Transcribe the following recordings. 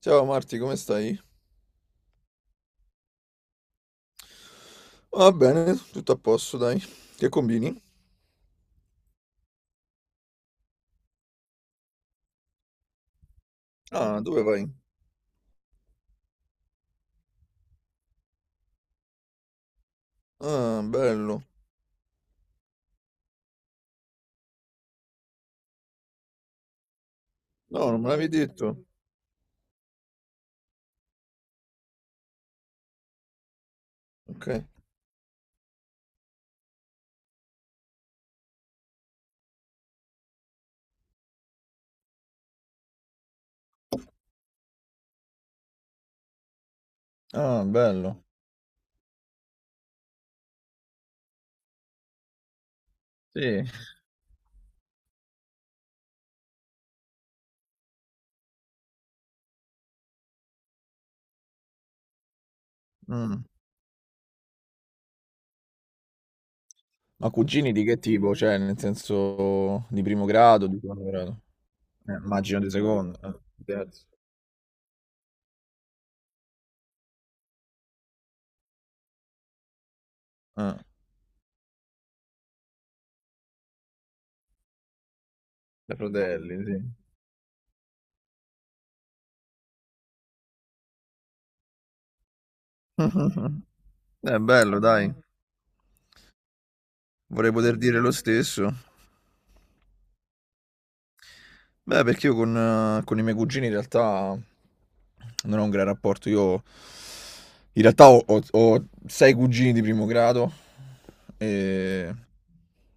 Ciao Marti, come stai? Va bene, tutto a posto, dai. Che combini? Ah, dove vai? Ah, bello. No, non me l'avevi detto. Ok. Ah, bello. Sì. Mm. Ma cugini di che tipo? Cioè, nel senso di primo grado, di secondo grado? Immagino di secondo, di terzo. Ah, da fratelli, sì. È bello, dai. Vorrei poter dire lo stesso. Beh, perché io con i miei cugini in realtà non ho un gran rapporto. Io in realtà ho sei cugini di primo grado. E...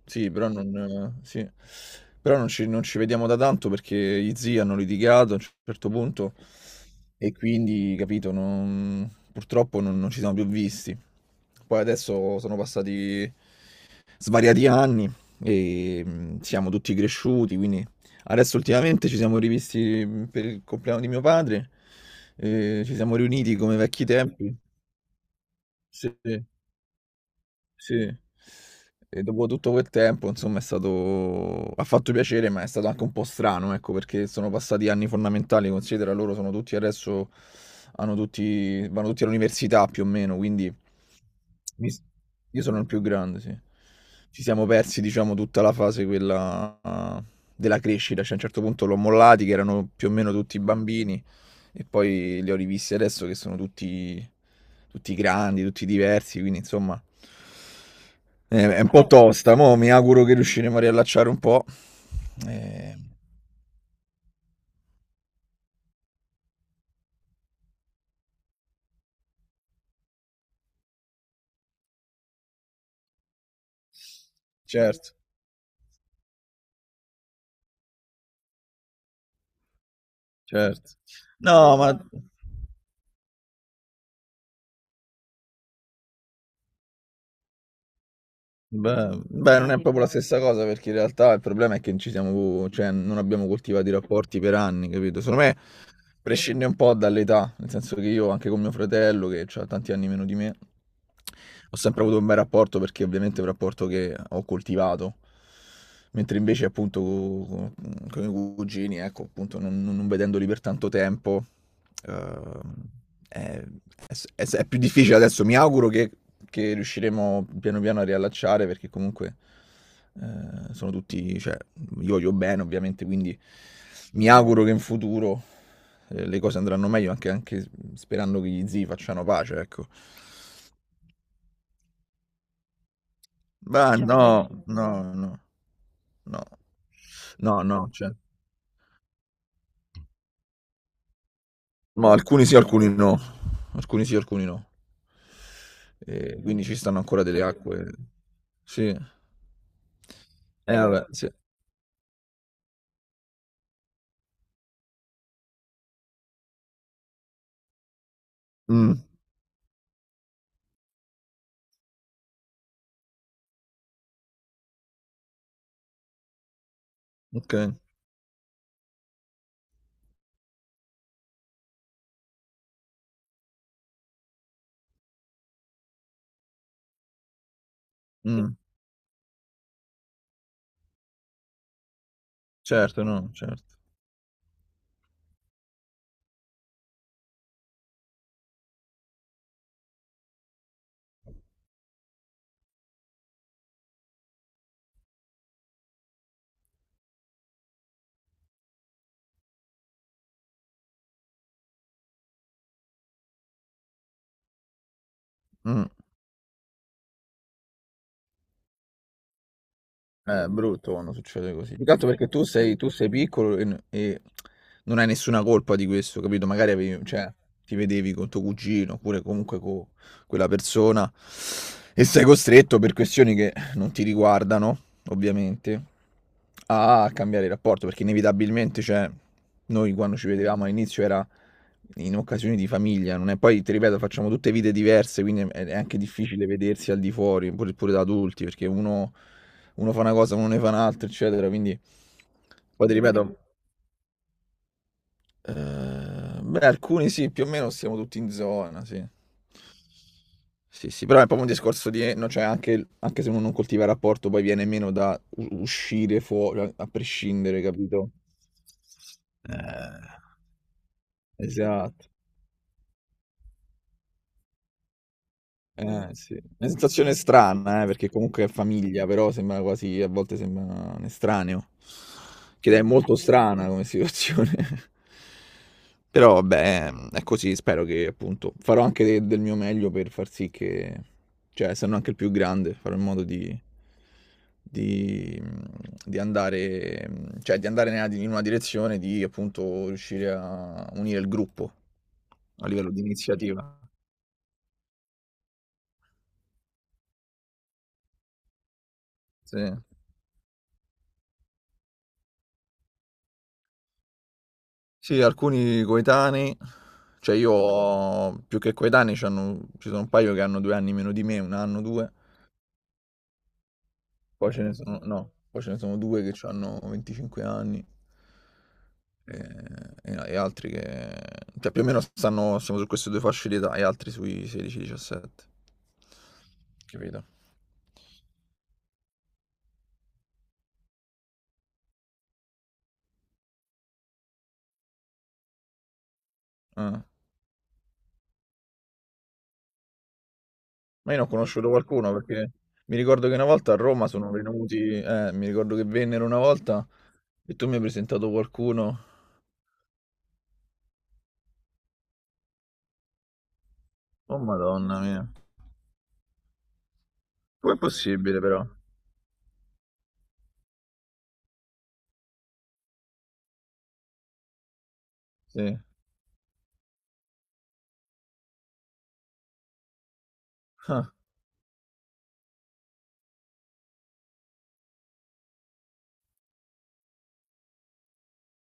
Sì, però non, sì. Però non ci vediamo da tanto perché gli zii hanno litigato a un certo punto e quindi, capito, purtroppo non, non ci siamo più visti. Poi adesso sono passati svariati anni e siamo tutti cresciuti, quindi adesso ultimamente ci siamo rivisti per il compleanno di mio padre, ci siamo riuniti come vecchi tempi. Sì. Sì. Sì. E dopo tutto quel tempo, insomma, è stato ha fatto piacere, ma è stato anche un po' strano, ecco, perché sono passati anni fondamentali, considera loro sono tutti adesso hanno tutti vanno tutti all'università più o meno, quindi mi s- io sono il più grande, sì. Ci siamo persi, diciamo, tutta la fase quella ah, della crescita, cioè a un certo punto l'ho mollati che erano più o meno tutti bambini e poi li ho rivisti adesso che sono tutti grandi, tutti diversi, quindi insomma è un po' tosta, mo mi auguro che riusciremo a riallacciare un po'. Eh, certo, certo. No, ma beh, non è proprio la stessa cosa perché in realtà il problema è che non ci siamo, cioè non abbiamo coltivato i rapporti per anni, capito? Secondo me prescinde un po' dall'età, nel senso che io anche con mio fratello, che ha tanti anni meno di me, ho sempre avuto un bel rapporto perché ovviamente è un rapporto che ho coltivato, mentre invece appunto con, i cugini, ecco, appunto non, non vedendoli per tanto tempo, ehm, è, è più difficile adesso, mi auguro che riusciremo piano piano a riallacciare perché comunque sono tutti, cioè, io voglio bene ovviamente, quindi mi auguro che in futuro le cose andranno meglio anche, anche sperando che gli zii facciano pace, ecco. Ma certo. No, no, no, no, no, no, cioè, no, alcuni sì, alcuni no, alcuni sì, alcuni no. E quindi ci stanno ancora delle acque. Sì. Vabbè, sì. Mm, ok. Mh. Certo, no, certo. Mh. È brutto quando succede così. Più che altro perché tu sei piccolo e, e non hai nessuna colpa di questo, capito? Magari cioè, ti vedevi con tuo cugino oppure comunque con quella persona e sei costretto per questioni che non ti riguardano, ovviamente, a cambiare il rapporto perché inevitabilmente, cioè, noi quando ci vedevamo all'inizio era in occasioni di famiglia, non è? Poi ti ripeto, facciamo tutte vite diverse, quindi è anche difficile vedersi al di fuori, pure, pure da adulti, perché uno fa una cosa, uno ne fa un'altra, eccetera. Quindi, poi ti ripeto, beh, alcuni sì, più o meno siamo tutti in zona, sì. Sì, sì, però è proprio un discorso di, no, cioè anche, anche se uno non coltiva il rapporto, poi viene meno da uscire fuori, a prescindere, capito? Eh, Esatto. Sì. Una sensazione strana, perché comunque è famiglia, però sembra quasi, a volte sembra un estraneo. Che è molto strana come situazione. Però vabbè, è così, spero che appunto farò anche del mio meglio per far sì che, cioè, essendo anche il più grande, farò in modo di, di andare, cioè, di andare in una direzione di appunto riuscire a unire il gruppo a livello di iniziativa. Sì. Sì, alcuni coetanei, cioè io ho più che coetanei, ci sono un paio che hanno due anni meno di me, un anno, due, poi ce ne sono, no, poi ce ne sono due che hanno 25 anni e, e altri che, cioè più o meno stanno, siamo su queste due fasce di età e altri sui 16-17, capito? Ah, ma io ne ho conosciuto qualcuno perché mi ricordo che una volta a Roma sono venuti, mi ricordo che vennero una volta e tu mi hai presentato qualcuno. Oh madonna mia. Com'è possibile però? Sì. Ah,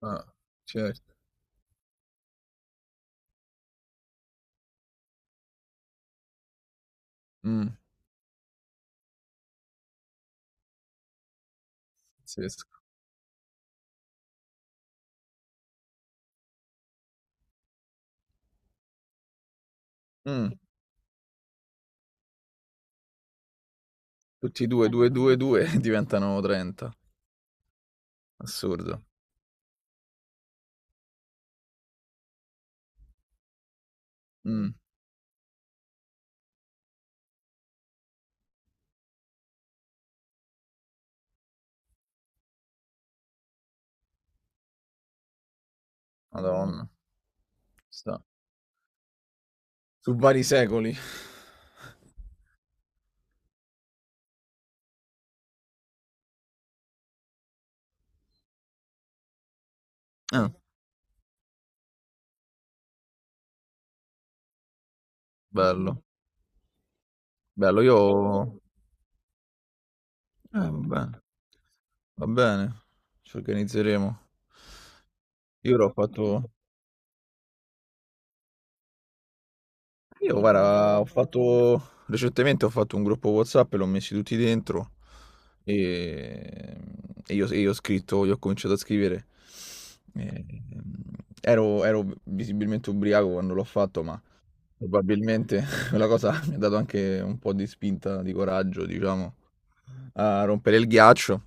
ah, certo. Mm, pazzesco. Mm, tutti e due, eh, due, due, due diventano 30. Assurdo. Mm, madonna. Sta. Su vari secoli. Ah, bello. Bello, io... va bene. Va bene. Ci organizzeremo. Io l'ho fatto... Io, guarda, ho fatto recentemente, ho fatto un gruppo WhatsApp e l'ho messi tutti dentro e, e io, ho scritto, io ho cominciato a scrivere. E- ehm, Ero, visibilmente ubriaco quando l'ho fatto, probabilmente quella cosa mi ha dato anche un po' di spinta, di coraggio, diciamo, a rompere il ghiaccio.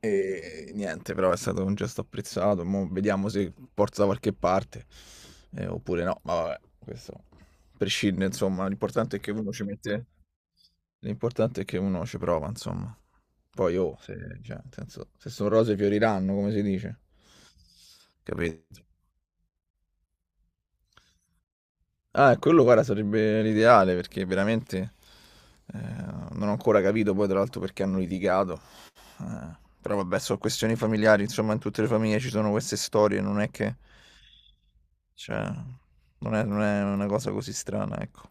E niente, però è stato un gesto apprezzato. Mo vediamo se porta da qualche parte, oppure no. Ma vabbè, questo prescinde, insomma. L'importante è che uno ci mette... L'importante è che uno ci prova, insomma. Poi, oh, se, cioè, nel senso, se sono rose fioriranno, come si dice. Capito? Ah, e quello guarda sarebbe l'ideale perché veramente eh, non ho ancora capito poi tra l'altro perché hanno litigato. Però vabbè, sono questioni familiari, insomma, in tutte le famiglie ci sono queste storie, non è che cioè, non è una cosa così strana, ecco.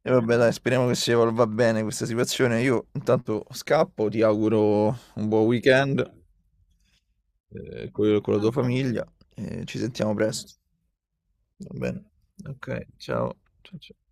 E vabbè, dai, speriamo che si evolva bene questa situazione. Io intanto scappo, ti auguro un buon weekend con la tua famiglia e ci sentiamo presto. Va bene. Ok, ciao. Ciao, ciao.